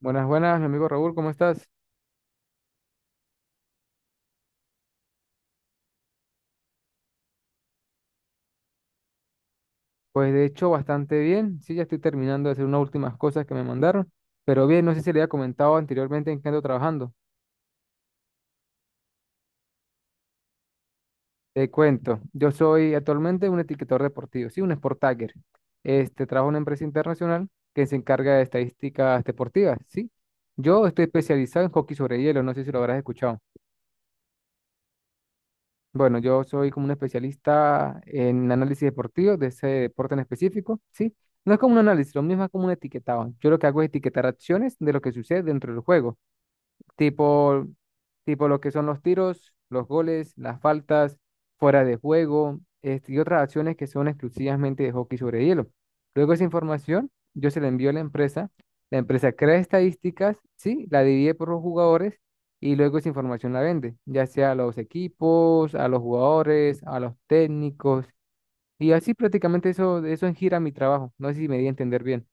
Buenas, buenas, mi amigo Raúl, ¿cómo estás? Pues de hecho bastante bien, sí, ya estoy terminando de hacer unas últimas cosas que me mandaron, pero bien, no sé si le había comentado anteriormente en qué ando trabajando. Te cuento, yo soy actualmente un etiquetador deportivo, sí, un sport tagger. Trabajo en una empresa internacional que se encarga de estadísticas deportivas, sí. Yo estoy especializado en hockey sobre hielo, no sé si lo habrás escuchado. Bueno, yo soy como un especialista en análisis deportivo, de ese deporte en específico, ¿sí? No es como un análisis, lo mismo es como un etiquetado. Yo lo que hago es etiquetar acciones de lo que sucede dentro del juego tipo, tipo lo que son los tiros, los goles, las faltas, fuera de juego, y otras acciones que son exclusivamente de hockey sobre hielo. Luego esa información yo se la envío a la empresa crea estadísticas, sí, la divide por los jugadores y luego esa información la vende, ya sea a los equipos, a los jugadores, a los técnicos, y así prácticamente eso, eso gira mi trabajo. No sé si me di a entender bien.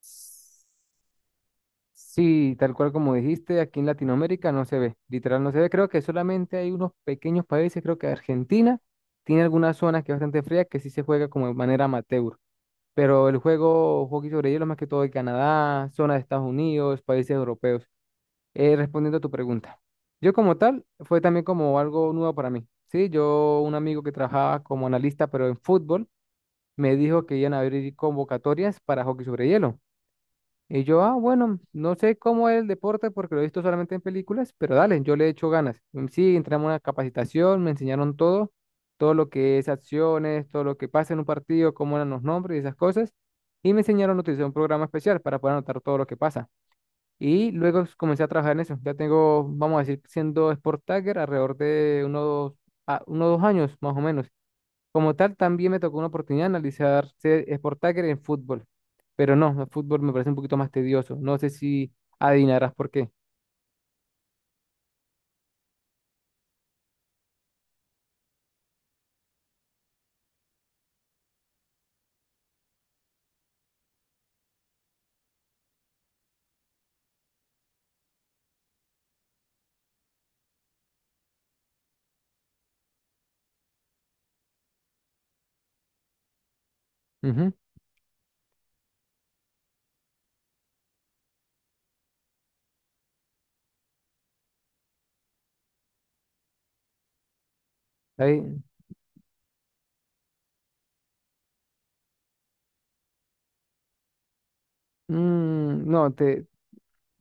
Sí. Sí, tal cual como dijiste, aquí en Latinoamérica no se ve, literal no se ve. Creo que solamente hay unos pequeños países, creo que Argentina tiene algunas zonas que es bastante fría que sí se juega como de manera amateur, pero el juego hockey sobre hielo más que todo de Canadá, zonas de Estados Unidos, países europeos. Respondiendo a tu pregunta, yo como tal fue también como algo nuevo para mí. Sí, yo un amigo que trabajaba como analista pero en fútbol me dijo que iban a abrir convocatorias para hockey sobre hielo. Y yo, ah, bueno, no sé cómo es el deporte porque lo he visto solamente en películas, pero dale, yo le he hecho ganas. Sí, entramos a una capacitación, me enseñaron todo, todo lo que es acciones, todo lo que pasa en un partido, cómo eran los nombres y esas cosas. Y me enseñaron a utilizar un programa especial para poder anotar todo lo que pasa. Y luego comencé a trabajar en eso. Ya tengo, vamos a decir, siendo Sport Tagger alrededor de unos, unos dos años más o menos. Como tal, también me tocó una oportunidad de analizar ser Sport Tracker en fútbol, pero no, el fútbol me parece un poquito más tedioso. No sé si adivinarás por qué. Ujú, ahí, no,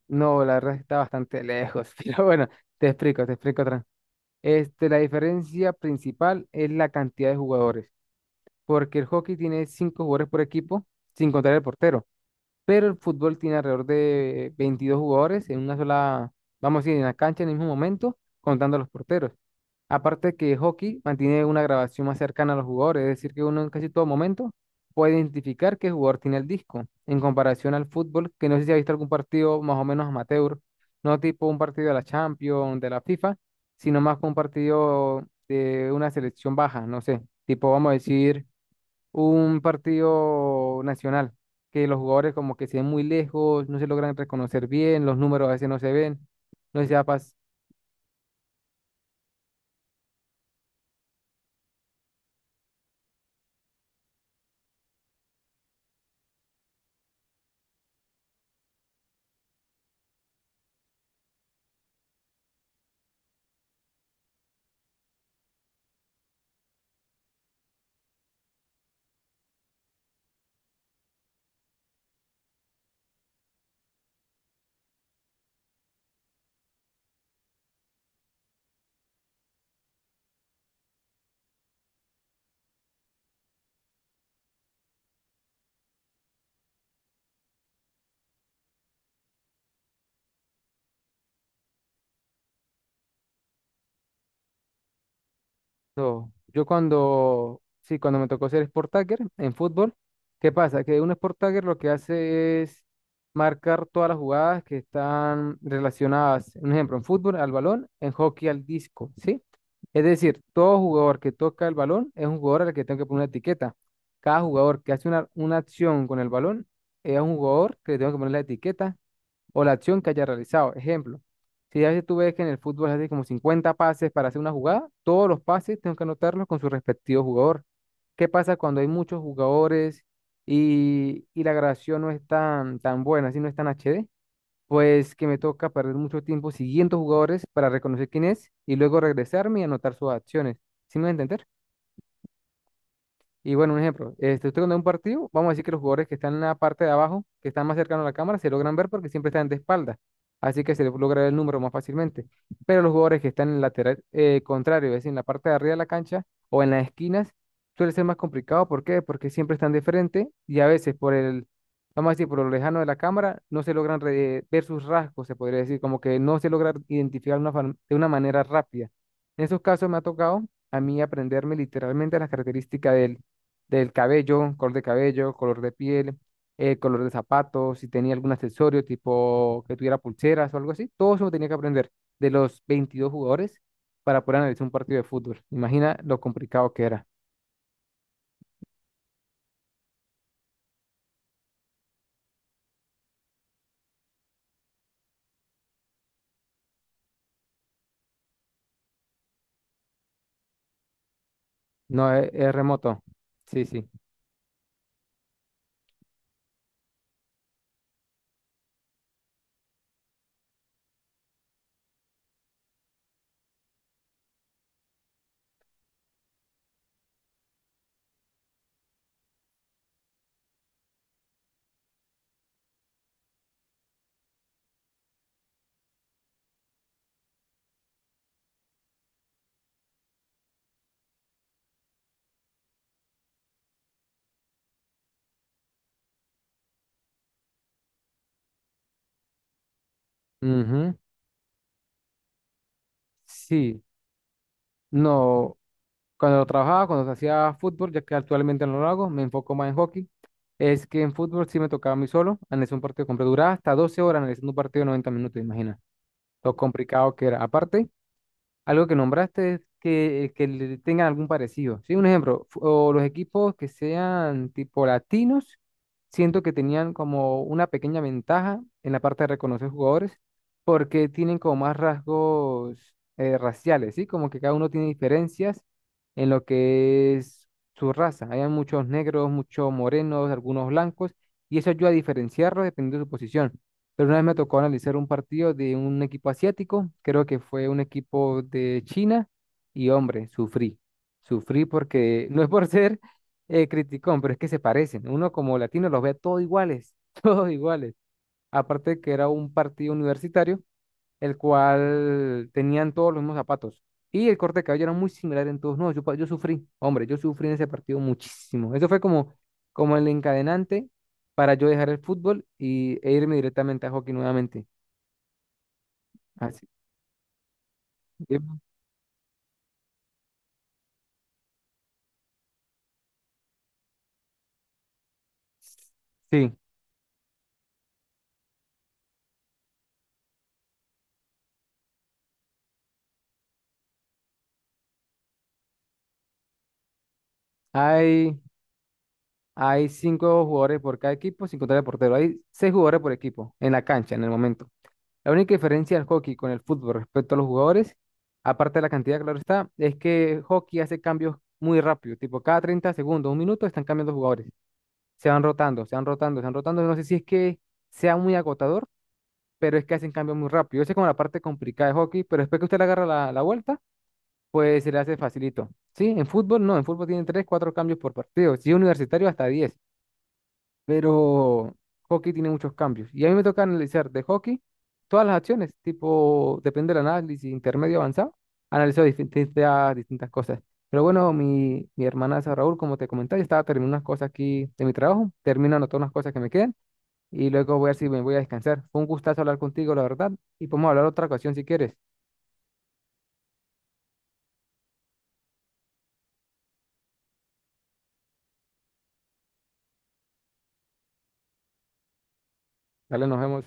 no, la verdad está bastante lejos, pero bueno, te explico otra. La diferencia principal es la cantidad de jugadores, porque el hockey tiene 5 jugadores por equipo, sin contar el portero. Pero el fútbol tiene alrededor de 22 jugadores en una sola, vamos a decir, en la cancha en el mismo momento, contando a los porteros. Aparte que hockey mantiene una grabación más cercana a los jugadores, es decir, que uno en casi todo momento puede identificar qué jugador tiene el disco, en comparación al fútbol, que no sé si ha visto algún partido más o menos amateur, no tipo un partido de la Champions, de la FIFA, sino más que un partido de una selección baja, no sé, tipo vamos a decir un partido nacional, que los jugadores como que se ven muy lejos, no se logran reconocer bien, los números a veces no se ven, no sé si ha No, yo cuando, sí, cuando me tocó ser sport tagger en fútbol, ¿qué pasa? Que un sport tagger lo que hace es marcar todas las jugadas que están relacionadas, un ejemplo, en fútbol al balón, en hockey al disco, ¿sí? Es decir, todo jugador que toca el balón es un jugador al que tengo que poner una etiqueta. Cada jugador que hace una acción con el balón es un jugador que le tengo que poner la etiqueta o la acción que haya realizado. Ejemplo, si a veces tú ves que en el fútbol hace como 50 pases para hacer una jugada, todos los pases tengo que anotarlos con su respectivo jugador. ¿Qué pasa cuando hay muchos jugadores y la grabación no es tan buena, si no es tan HD? Pues que me toca perder mucho tiempo siguiendo jugadores para reconocer quién es y luego regresarme y anotar sus acciones. ¿Sí me voy a entender? Y bueno, un ejemplo, este, usted cuando ve un partido, vamos a decir que los jugadores que están en la parte de abajo, que están más cercanos a la cámara, se logran ver porque siempre están de espalda. Así que se logra ver el número más fácilmente. Pero los jugadores que están en el lateral contrario, es decir, en la parte de arriba de la cancha o en las esquinas, suele ser más complicado. ¿Por qué? Porque siempre están de frente y a veces vamos a decir, por lo lejano de la cámara, no se logran ver sus rasgos, se podría decir, como que no se logra identificar una de una manera rápida. En esos casos me ha tocado a mí aprenderme literalmente las características del cabello, color de piel, color de zapatos, si tenía algún accesorio tipo que tuviera pulseras o algo así. Todo eso lo tenía que aprender de los 22 jugadores para poder analizar un partido de fútbol. Imagina lo complicado que era. No, es remoto. Sí, sí. Ujú. Sí, no. Cuando trabajaba, cuando hacía fútbol, ya que actualmente no lo hago, me enfoco más en hockey. Es que en fútbol sí me tocaba a mí solo analizar un partido completo. Duraba hasta 12 horas analizando un partido de 90 minutos, imagina. Lo complicado que era. Aparte, algo que nombraste es que le tengan algún parecido. Sí, un ejemplo, o los equipos que sean tipo latinos, siento que tenían como una pequeña ventaja en la parte de reconocer jugadores, porque tienen como más rasgos raciales, ¿sí? Como que cada uno tiene diferencias en lo que es su raza. Hay muchos negros, muchos morenos, algunos blancos, y eso ayuda a diferenciarlos dependiendo de su posición. Pero una vez me tocó analizar un partido de un equipo asiático, creo que fue un equipo de China, y hombre, sufrí. Sufrí porque no es por ser criticón, pero es que se parecen. Uno como latino los ve todos iguales, todos iguales. Aparte que era un partido universitario, el cual tenían todos los mismos zapatos. Y el corte de cabello era muy similar en todos. No, yo, yo sufrí, hombre, yo sufrí en ese partido muchísimo. Eso fue como, como el encadenante para yo dejar el fútbol y, e irme directamente a hockey nuevamente. Así que, sí, hay, hay 5 jugadores por cada equipo, sin contar el portero. Hay 6 jugadores por equipo en la cancha en el momento. La única diferencia del hockey con el fútbol respecto a los jugadores, aparte de la cantidad, claro está, es que el hockey hace cambios muy rápido, tipo cada 30 segundos, un minuto están cambiando jugadores, se van rotando, se van rotando, se van rotando, no sé si es que sea muy agotador, pero es que hacen cambios muy rápido. Esa es como la parte complicada de hockey, pero después que usted le agarra la vuelta, pues se le hace facilito. Sí, en fútbol no, en fútbol tienen 3 4 cambios por partido, si es universitario hasta 10 pero hockey tiene muchos cambios. Y a mí me toca analizar de hockey todas las acciones, tipo, depende del análisis intermedio avanzado, analizo distintas cosas. Pero bueno, mi hermanaza Raúl, como te comentaba, yo estaba terminando unas cosas aquí de mi trabajo, termino anotando unas cosas que me quedan y luego voy a ver si me voy a descansar. Fue un gustazo hablar contigo, la verdad, y podemos hablar otra ocasión si quieres. Dale, nos vemos.